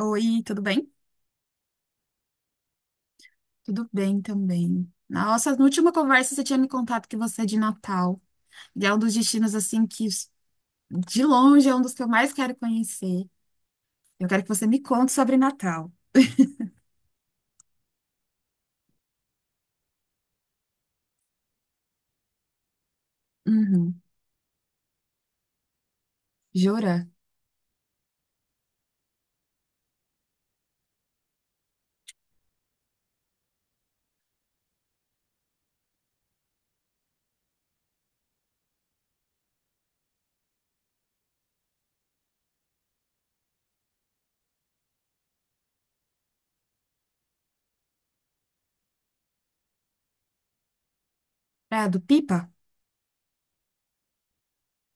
Oi, tudo bem? Tudo bem também. Nossa, na última conversa você tinha me contado que você é de Natal. E é um dos destinos, assim, que de longe é um dos que eu mais quero conhecer. Eu quero que você me conte sobre Natal. Uhum. Jura? Praia do Pipa?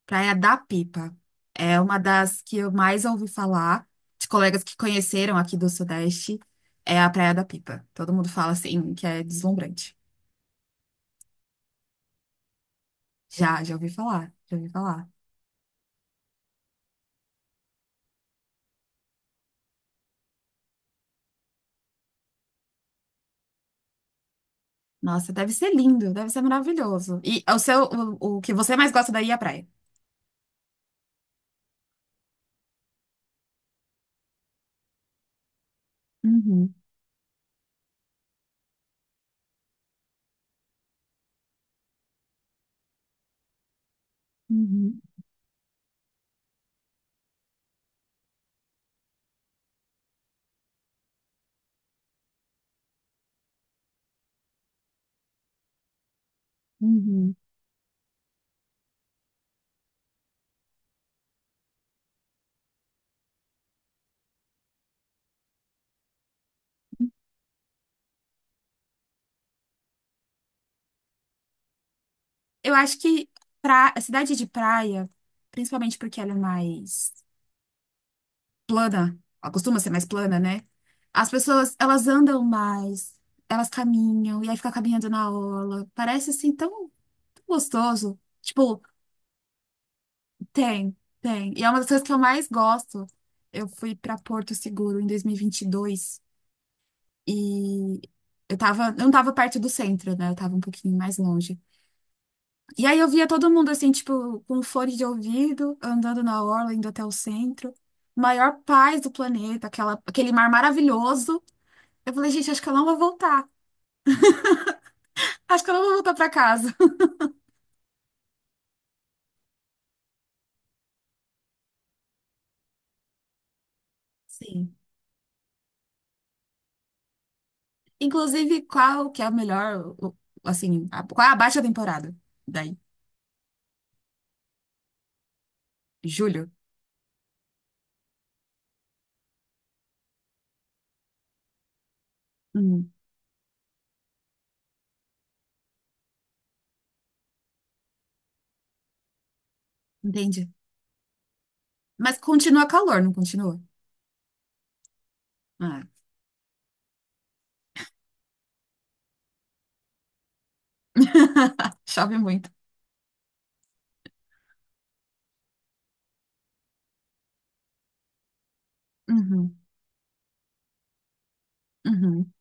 Praia da Pipa. É uma das que eu mais ouvi falar de colegas que conheceram aqui do Sudeste. É a Praia da Pipa. Todo mundo fala assim que é deslumbrante. Já, já ouvi falar. Já ouvi falar. Nossa, deve ser lindo, deve ser maravilhoso. E o que você mais gosta daí é a praia. Uhum, uhum, uhum. Eu acho que a cidade de praia, principalmente porque ela é mais plana, ela costuma ser mais plana, né? As pessoas, elas andam mais, elas caminham, e aí fica caminhando na orla. Parece assim tão, tão gostoso. Tipo, tem, tem. E é uma das coisas que eu mais gosto. Eu fui pra Porto Seguro em 2022. E eu não tava perto do centro, né? Eu tava um pouquinho mais longe. E aí eu via todo mundo assim, tipo, com fone de ouvido, andando na orla, indo até o centro. Maior paz do planeta, aquela, aquele mar maravilhoso. Eu falei, gente, acho que eu não vou voltar. Acho que eu não vou voltar pra casa. Sim. Inclusive, qual que é o melhor, o- assim, a- qual é a baixa temporada? Daí, julho? Hum, entendi. Mas continua calor, não continua? Ah. Chove muito. Uhum, uhum.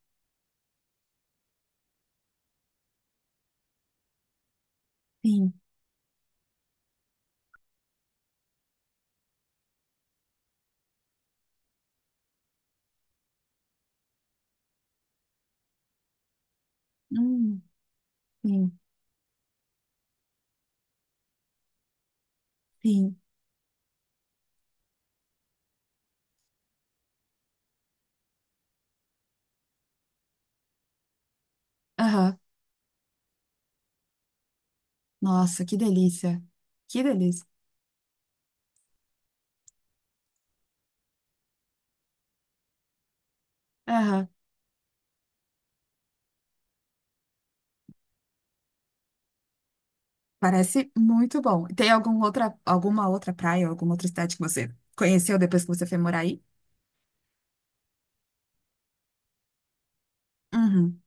Sim, hum, sim, sim. Aham. Nossa, que delícia. Que delícia. Aham. Parece muito bom. Tem alguma outra praia, alguma outra cidade que você conheceu depois que você foi morar aí? Uhum,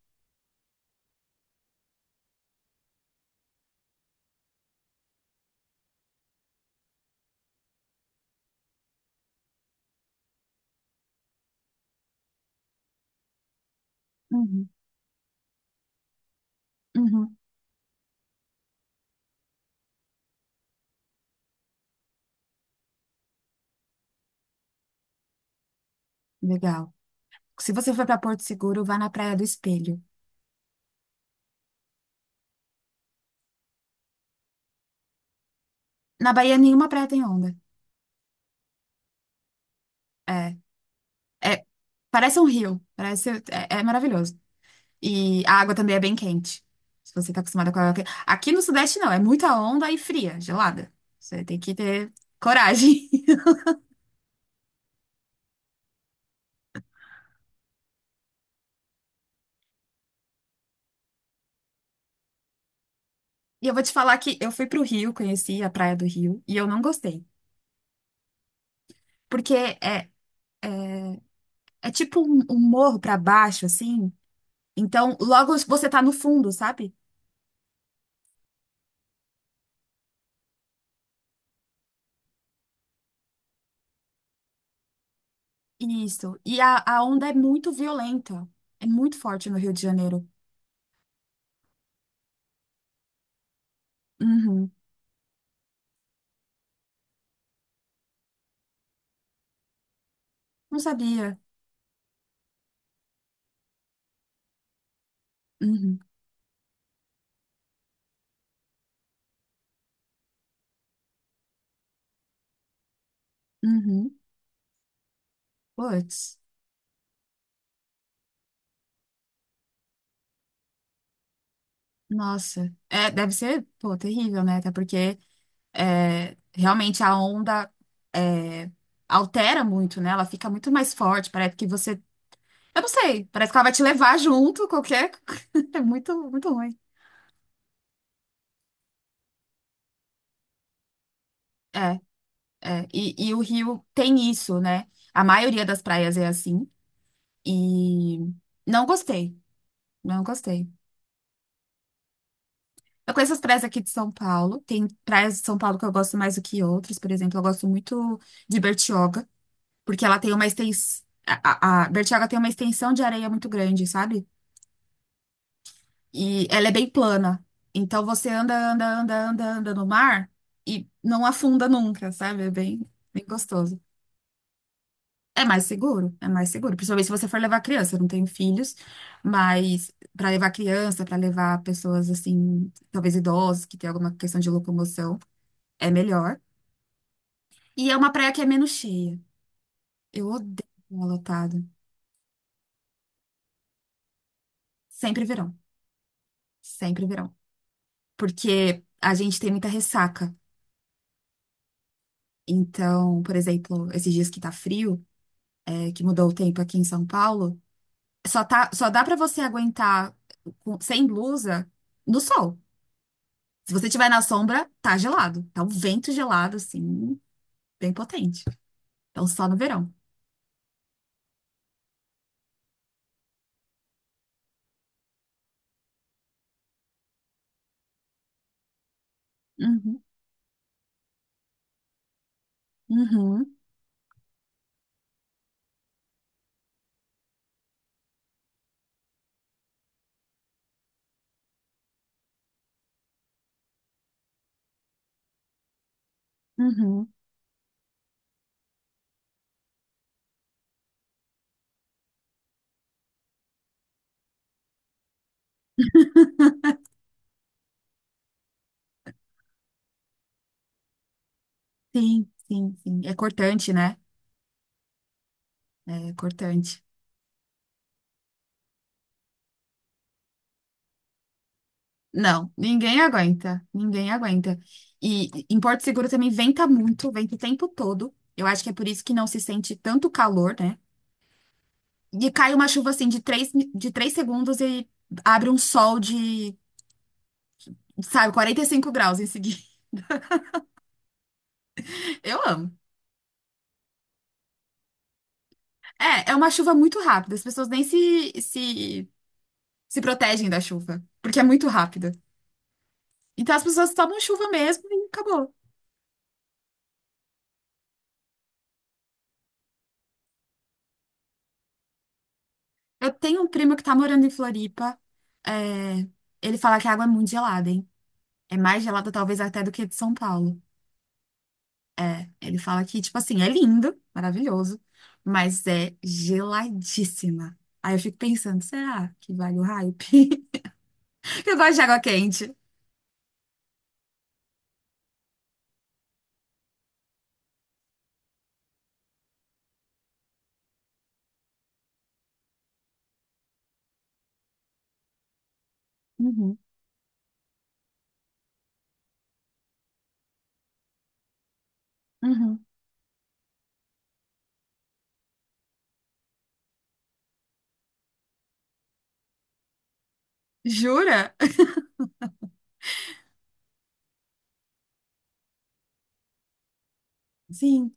uhum, uhum. Legal. Se você for para Porto Seguro, vá na Praia do Espelho. Na Bahia, nenhuma praia tem onda. É, é, parece um rio. Parece, é maravilhoso. E a água também é bem quente. Se você tá acostumada com a água quente. Aqui no Sudeste não, é muita onda e fria, gelada. Você tem que ter coragem. E eu vou te falar que eu fui pro Rio, conheci a Praia do Rio, e eu não gostei. Porque é, é tipo um morro pra baixo, assim. Então, logo você tá no fundo, sabe? Isso. E a onda é muito violenta. É muito forte no Rio de Janeiro. Uhum. Não sabia. Uhum. Uhum. Puts. Nossa, é, deve ser, pô, terrível, né? Até porque é, realmente a onda é, altera muito, né? Ela fica muito mais forte, parece que você, eu não sei, parece que ela vai te levar junto, qualquer, é muito, muito ruim. É, é, e o Rio tem isso, né? A maioria das praias é assim, e não gostei, não gostei. Eu conheço as praias aqui de São Paulo, tem praias de São Paulo que eu gosto mais do que outras, por exemplo, eu gosto muito de Bertioga, porque ela tem uma extensão. A Bertioga tem uma extensão de areia muito grande, sabe? E ela é bem plana. Então você anda, anda, anda, anda, anda no mar e não afunda nunca, sabe? É bem, bem gostoso. É mais seguro, é mais seguro. Principalmente se você for levar criança. Eu não tenho filhos, mas para levar criança, para levar pessoas assim, talvez idosas, que tem alguma questão de locomoção, é melhor. E é uma praia que é menos cheia. Eu odeio praia lotada. Sempre verão, sempre verão, porque a gente tem muita ressaca. Então, por exemplo, esses dias que tá frio, é, que mudou o tempo aqui em São Paulo, só dá pra você aguentar sem blusa no sol. Se você tiver na sombra, tá gelado. Tá um vento gelado, assim, bem potente. Então, só no verão. Uhum, uhum, uhum. Sim, sim, sim. É cortante, né? É cortante. Não, ninguém aguenta, ninguém aguenta. E em Porto Seguro também venta muito, venta o tempo todo. Eu acho que é por isso que não se sente tanto calor, né? E cai uma chuva assim de de três segundos e abre um sol de, sabe, 45 graus em seguida. Eu amo. É uma chuva muito rápida, as pessoas nem se protegem da chuva, porque é muito rápida. Então as pessoas tomam chuva mesmo e acabou. Eu tenho um primo que tá morando em Floripa, é, ele fala que a água é muito gelada. É mais gelada, talvez, até do que de São Paulo. É, ele fala que, tipo assim, é lindo, maravilhoso, mas é geladíssima. Aí eu fico pensando, será que vale o hype? Eu gosto de água quente. Uhum, uhum. Jura? Sim,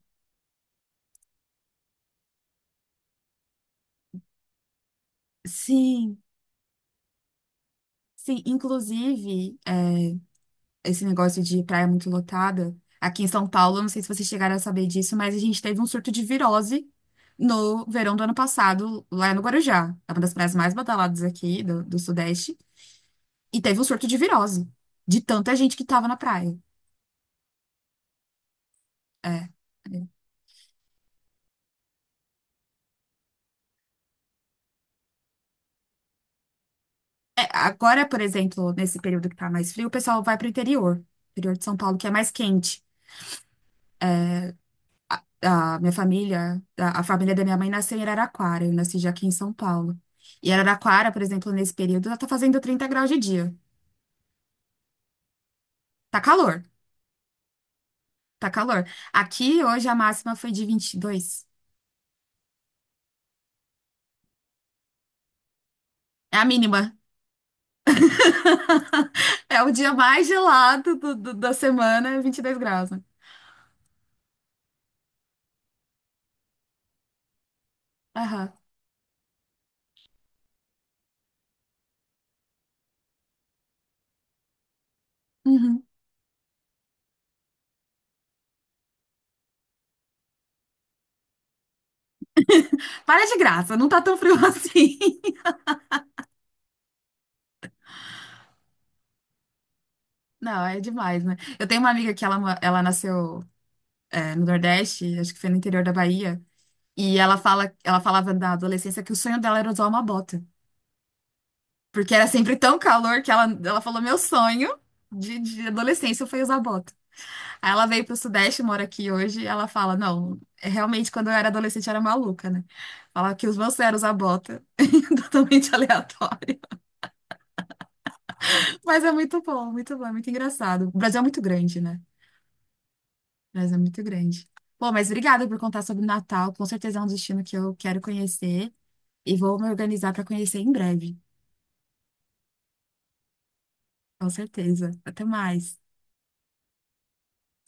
sim, sim. Inclusive, é esse negócio de praia muito lotada. Aqui em São Paulo, eu não sei se vocês chegaram a saber disso, mas a gente teve um surto de virose no verão do ano passado, lá no Guarujá. É uma das praias mais badaladas aqui do Sudeste. E teve um surto de virose, de tanta gente que tava na praia. É. É, é, agora, por exemplo, nesse período que tá mais frio, o pessoal vai pro interior, interior de São Paulo, que é mais quente. A família da minha mãe nasceu em Araraquara, eu nasci já aqui em São Paulo. E Araraquara, por exemplo, nesse período, ela tá fazendo 30 graus de dia. Tá calor, tá calor. Aqui hoje a máxima foi de 22. É a mínima. É o dia mais gelado da semana, é 22 graus, né? Aham. Uhum. Para de graça, não tá tão frio assim. Não, é demais, né? Eu tenho uma amiga que ela, nasceu, é, no Nordeste, acho que foi no interior da Bahia. E ela falava na adolescência que o sonho dela era usar uma bota. Porque era sempre tão calor que ela falou: meu sonho de adolescência foi usar bota. Aí ela veio pro Sudeste, mora aqui hoje, e ela fala: não, é realmente quando eu era adolescente eu era maluca, né? Fala que os meus sonhos eram usar bota. Totalmente aleatório. Mas é muito bom, é muito engraçado. O Brasil é muito grande, né? O Brasil é muito grande. Pô, mas obrigada por contar sobre o Natal. Com certeza é um destino que eu quero conhecer. E vou me organizar para conhecer em breve. Com certeza. Até mais.